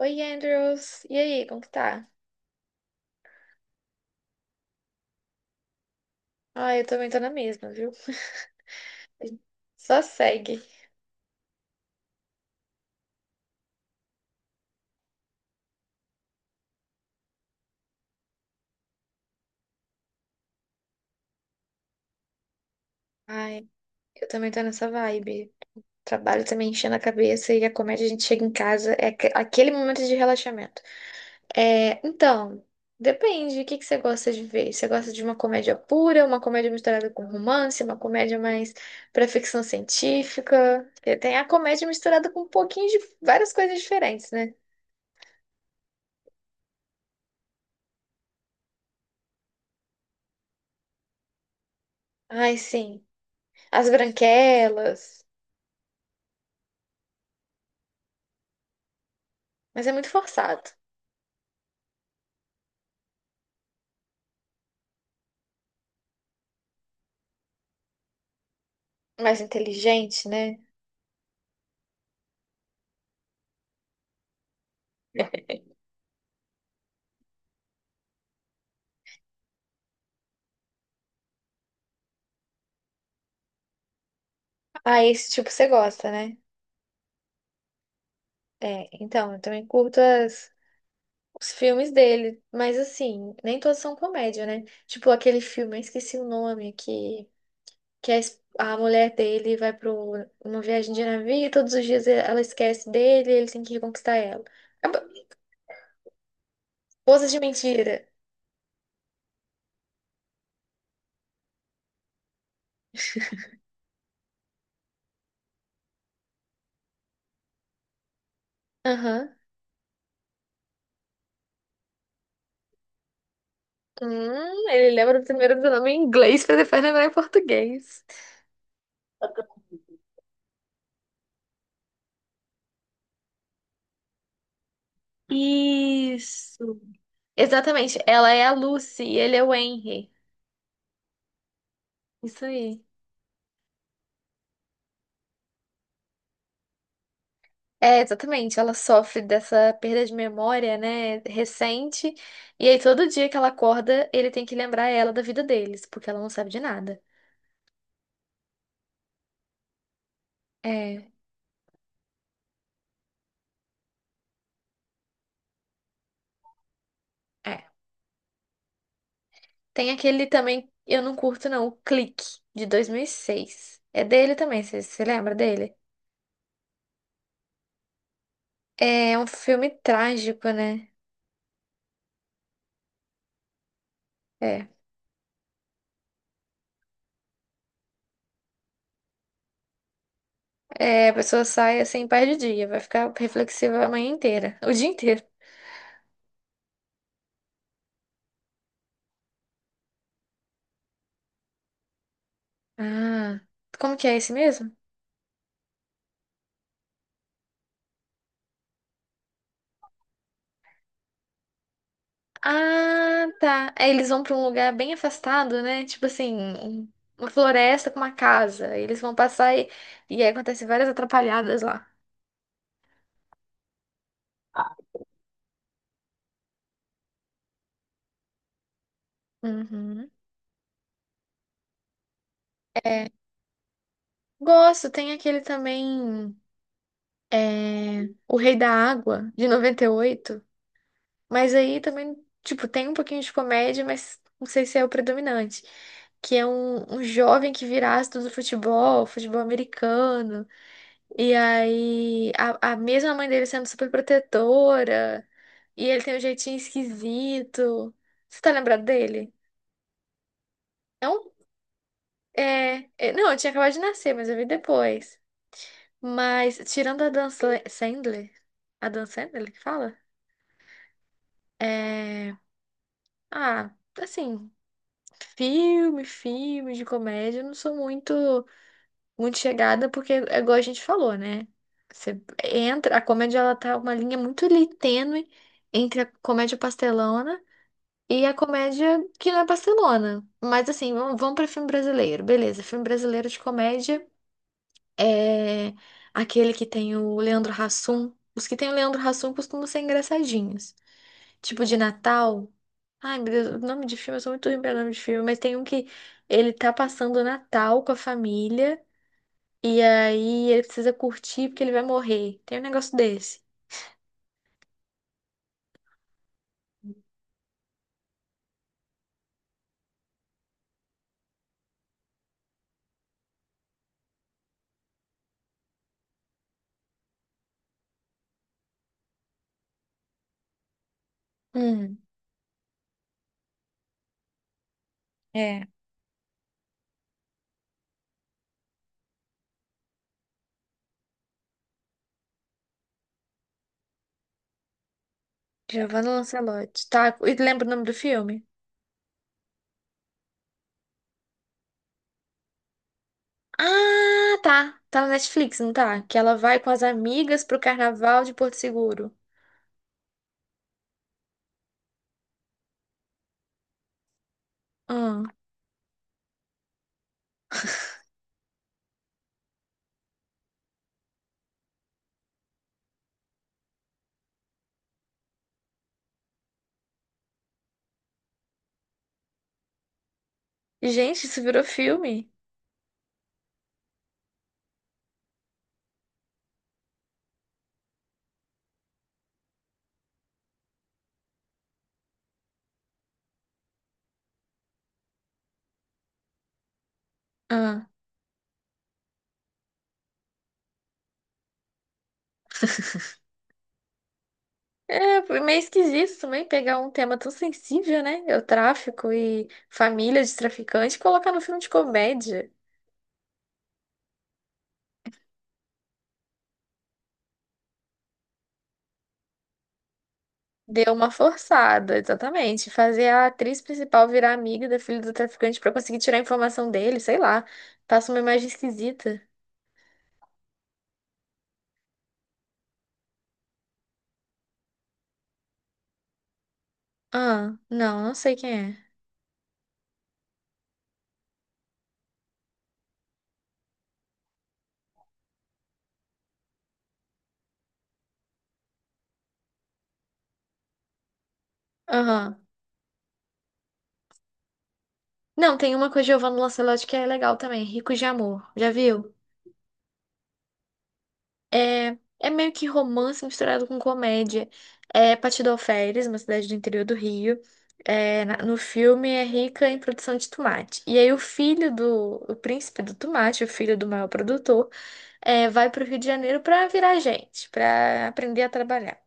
Oi, Andrews. E aí, como que tá? Ah, eu também tô na mesma, viu? Só segue. Ai, eu também tô nessa vibe. Trabalho também enchendo a cabeça e a comédia a gente chega em casa, é aquele momento de relaxamento. É, então, depende, o que que você gosta de ver? Você gosta de uma comédia pura, uma comédia misturada com romance, uma comédia mais pra ficção científica? Porque tem a comédia misturada com um pouquinho de várias coisas diferentes, né? Ai, sim. As Branquelas. Mas é muito forçado. Mais inteligente, né? Ah, esse tipo você gosta, né? É, então, eu também curto os filmes dele. Mas assim, nem todos são comédia, né? Tipo aquele filme, eu esqueci o nome, que a mulher dele vai para uma viagem de navio e todos os dias ela esquece dele e ele tem que reconquistar ela. Acaba- Esposas de mentira. Aham. Ele lembra primeiro do nome em inglês pra depois lembrar em português. Isso. Exatamente, ela é a Lucy e ele é o Henry. Isso aí. É, exatamente, ela sofre dessa perda de memória, né, recente, e aí todo dia que ela acorda, ele tem que lembrar ela da vida deles, porque ela não sabe de nada. É, é. Tem aquele também, eu não curto não, o Clique, de 2006. É dele também, você lembra dele? É um filme trágico, né? É, é, a pessoa sai assim, perde o dia, vai ficar reflexiva a manhã inteira, o dia inteiro. Ah, como que é esse mesmo? Ah, tá. Aí eles vão pra um lugar bem afastado, né? Tipo assim, uma floresta com uma casa. Aí eles vão passar e aí acontece várias atrapalhadas lá. Uhum. É, gosto, tem aquele também, é, O Rei da Água, de noventa e oito. Mas aí também, tipo, tem um pouquinho de comédia, mas não sei se é o predominante. Que é um jovem que vira astro do futebol, futebol americano. E aí, a mesma mãe dele sendo super protetora, e ele tem um jeitinho esquisito. Você tá lembrado dele? É um. É, não, eu tinha acabado de nascer, mas eu vi depois. Mas, tirando a Sandler, a Dan Sandler que fala? É. Ah, assim, filme de comédia, eu não sou muito. Muito chegada, porque é igual a gente falou, né? Você entra, a comédia ela tá uma linha muito ali tênue entre a comédia pastelona e a comédia que não é pastelona. Mas assim, vamos para filme brasileiro. Beleza, filme brasileiro de comédia é aquele que tem o Leandro Hassum. Os que tem o Leandro Hassum costumam ser engraçadinhos. Tipo de Natal. Ai, meu Deus, o nome de filme, eu sou muito ruim pra nome de filme, mas tem um que ele tá passando o Natal com a família. E aí ele precisa curtir porque ele vai morrer. Tem um negócio desse. Hum, é. Giovanna Lancelotti. Tá, e lembra o nome do filme? Ah, tá. Tá na Netflix, não tá? Que ela vai com as amigas pro carnaval de Porto Seguro. Ah. Gente, isso virou filme. Ah. É, foi meio esquisito também pegar um tema tão sensível, né? É, o tráfico e família de traficante e colocar no filme de comédia. Deu uma forçada, exatamente. Fazer a atriz principal virar amiga da filha do traficante pra conseguir tirar a informação dele, sei lá. Passa uma imagem esquisita. Ah, não, não sei quem é. Aham. Não, tem uma com a Giovanna Lancelotti que é legal também, Ricos de Amor. Já viu? É, é meio que romance misturado com comédia. É Patidoféries, uma cidade do interior do Rio. É, no filme é rica em produção de tomate. E aí o filho do, o príncipe do tomate, o filho do maior produtor, é, vai para o Rio de Janeiro para virar gente, para aprender a trabalhar.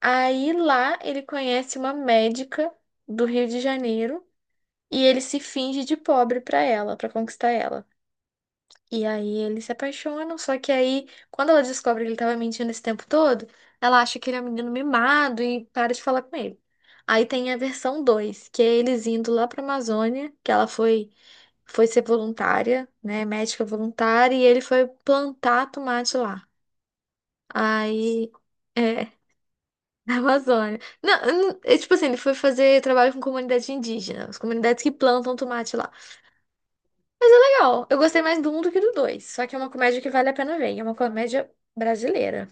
Aí lá ele conhece uma médica do Rio de Janeiro e ele se finge de pobre para ela, para conquistar ela. E aí eles se apaixonam, só que aí quando ela descobre que ele estava mentindo esse tempo todo, ela acha que ele é um menino mimado e para de falar com ele. Aí tem a versão 2 que é eles indo lá para Amazônia, que ela foi, foi ser voluntária, né, médica voluntária, e ele foi plantar tomate lá. Aí, é, na Amazônia. Não, é, tipo assim, ele foi fazer trabalho com comunidade indígena, as comunidades que plantam tomate lá. Legal, eu gostei mais do um do que do dois, só que é uma comédia que vale a pena ver, e é uma comédia brasileira.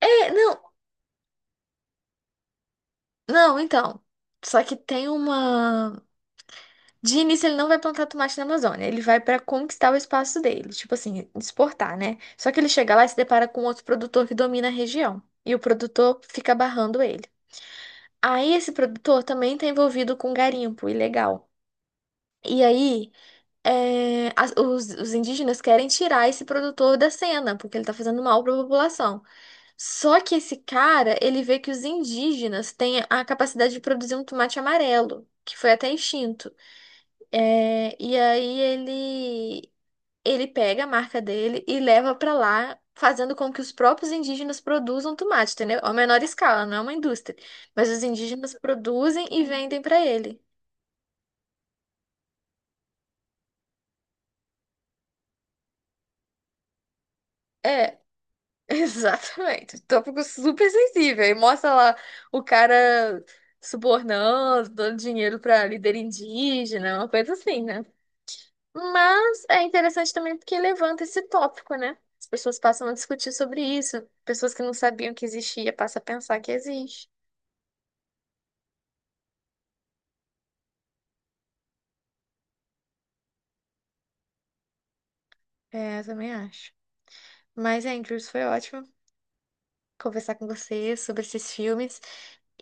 É, não, não, então. Só que tem uma. De início, ele não vai plantar tomate na Amazônia, ele vai pra conquistar o espaço dele, tipo assim, exportar, né? Só que ele chega lá e se depara com outro produtor que domina a região, e o produtor fica barrando ele. Aí esse produtor também está envolvido com garimpo ilegal. E aí, é, os indígenas querem tirar esse produtor da cena, porque ele está fazendo mal para a população. Só que esse cara, ele vê que os indígenas têm a capacidade de produzir um tomate amarelo, que foi até extinto. É, e aí ele pega a marca dele e leva para lá, fazendo com que os próprios indígenas produzam tomate, entendeu? A menor escala, não é uma indústria, mas os indígenas produzem e vendem para ele. É, exatamente. Tópico super sensível. E mostra lá o cara subornando, dando dinheiro para líder indígena, uma coisa assim, né? Mas é interessante também porque levanta esse tópico, né? As pessoas passam a discutir sobre isso. Pessoas que não sabiam que existia passam a pensar que existe. É, eu também acho. Mas, Andrews, foi ótimo conversar com você sobre esses filmes.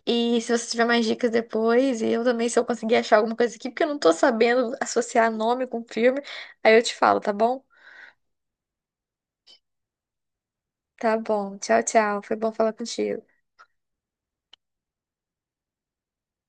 E se você tiver mais dicas depois, e eu também, se eu conseguir achar alguma coisa aqui, porque eu não tô sabendo associar nome com filme, aí eu te falo, tá bom? Tá bom. Tchau, tchau. Foi bom falar contigo.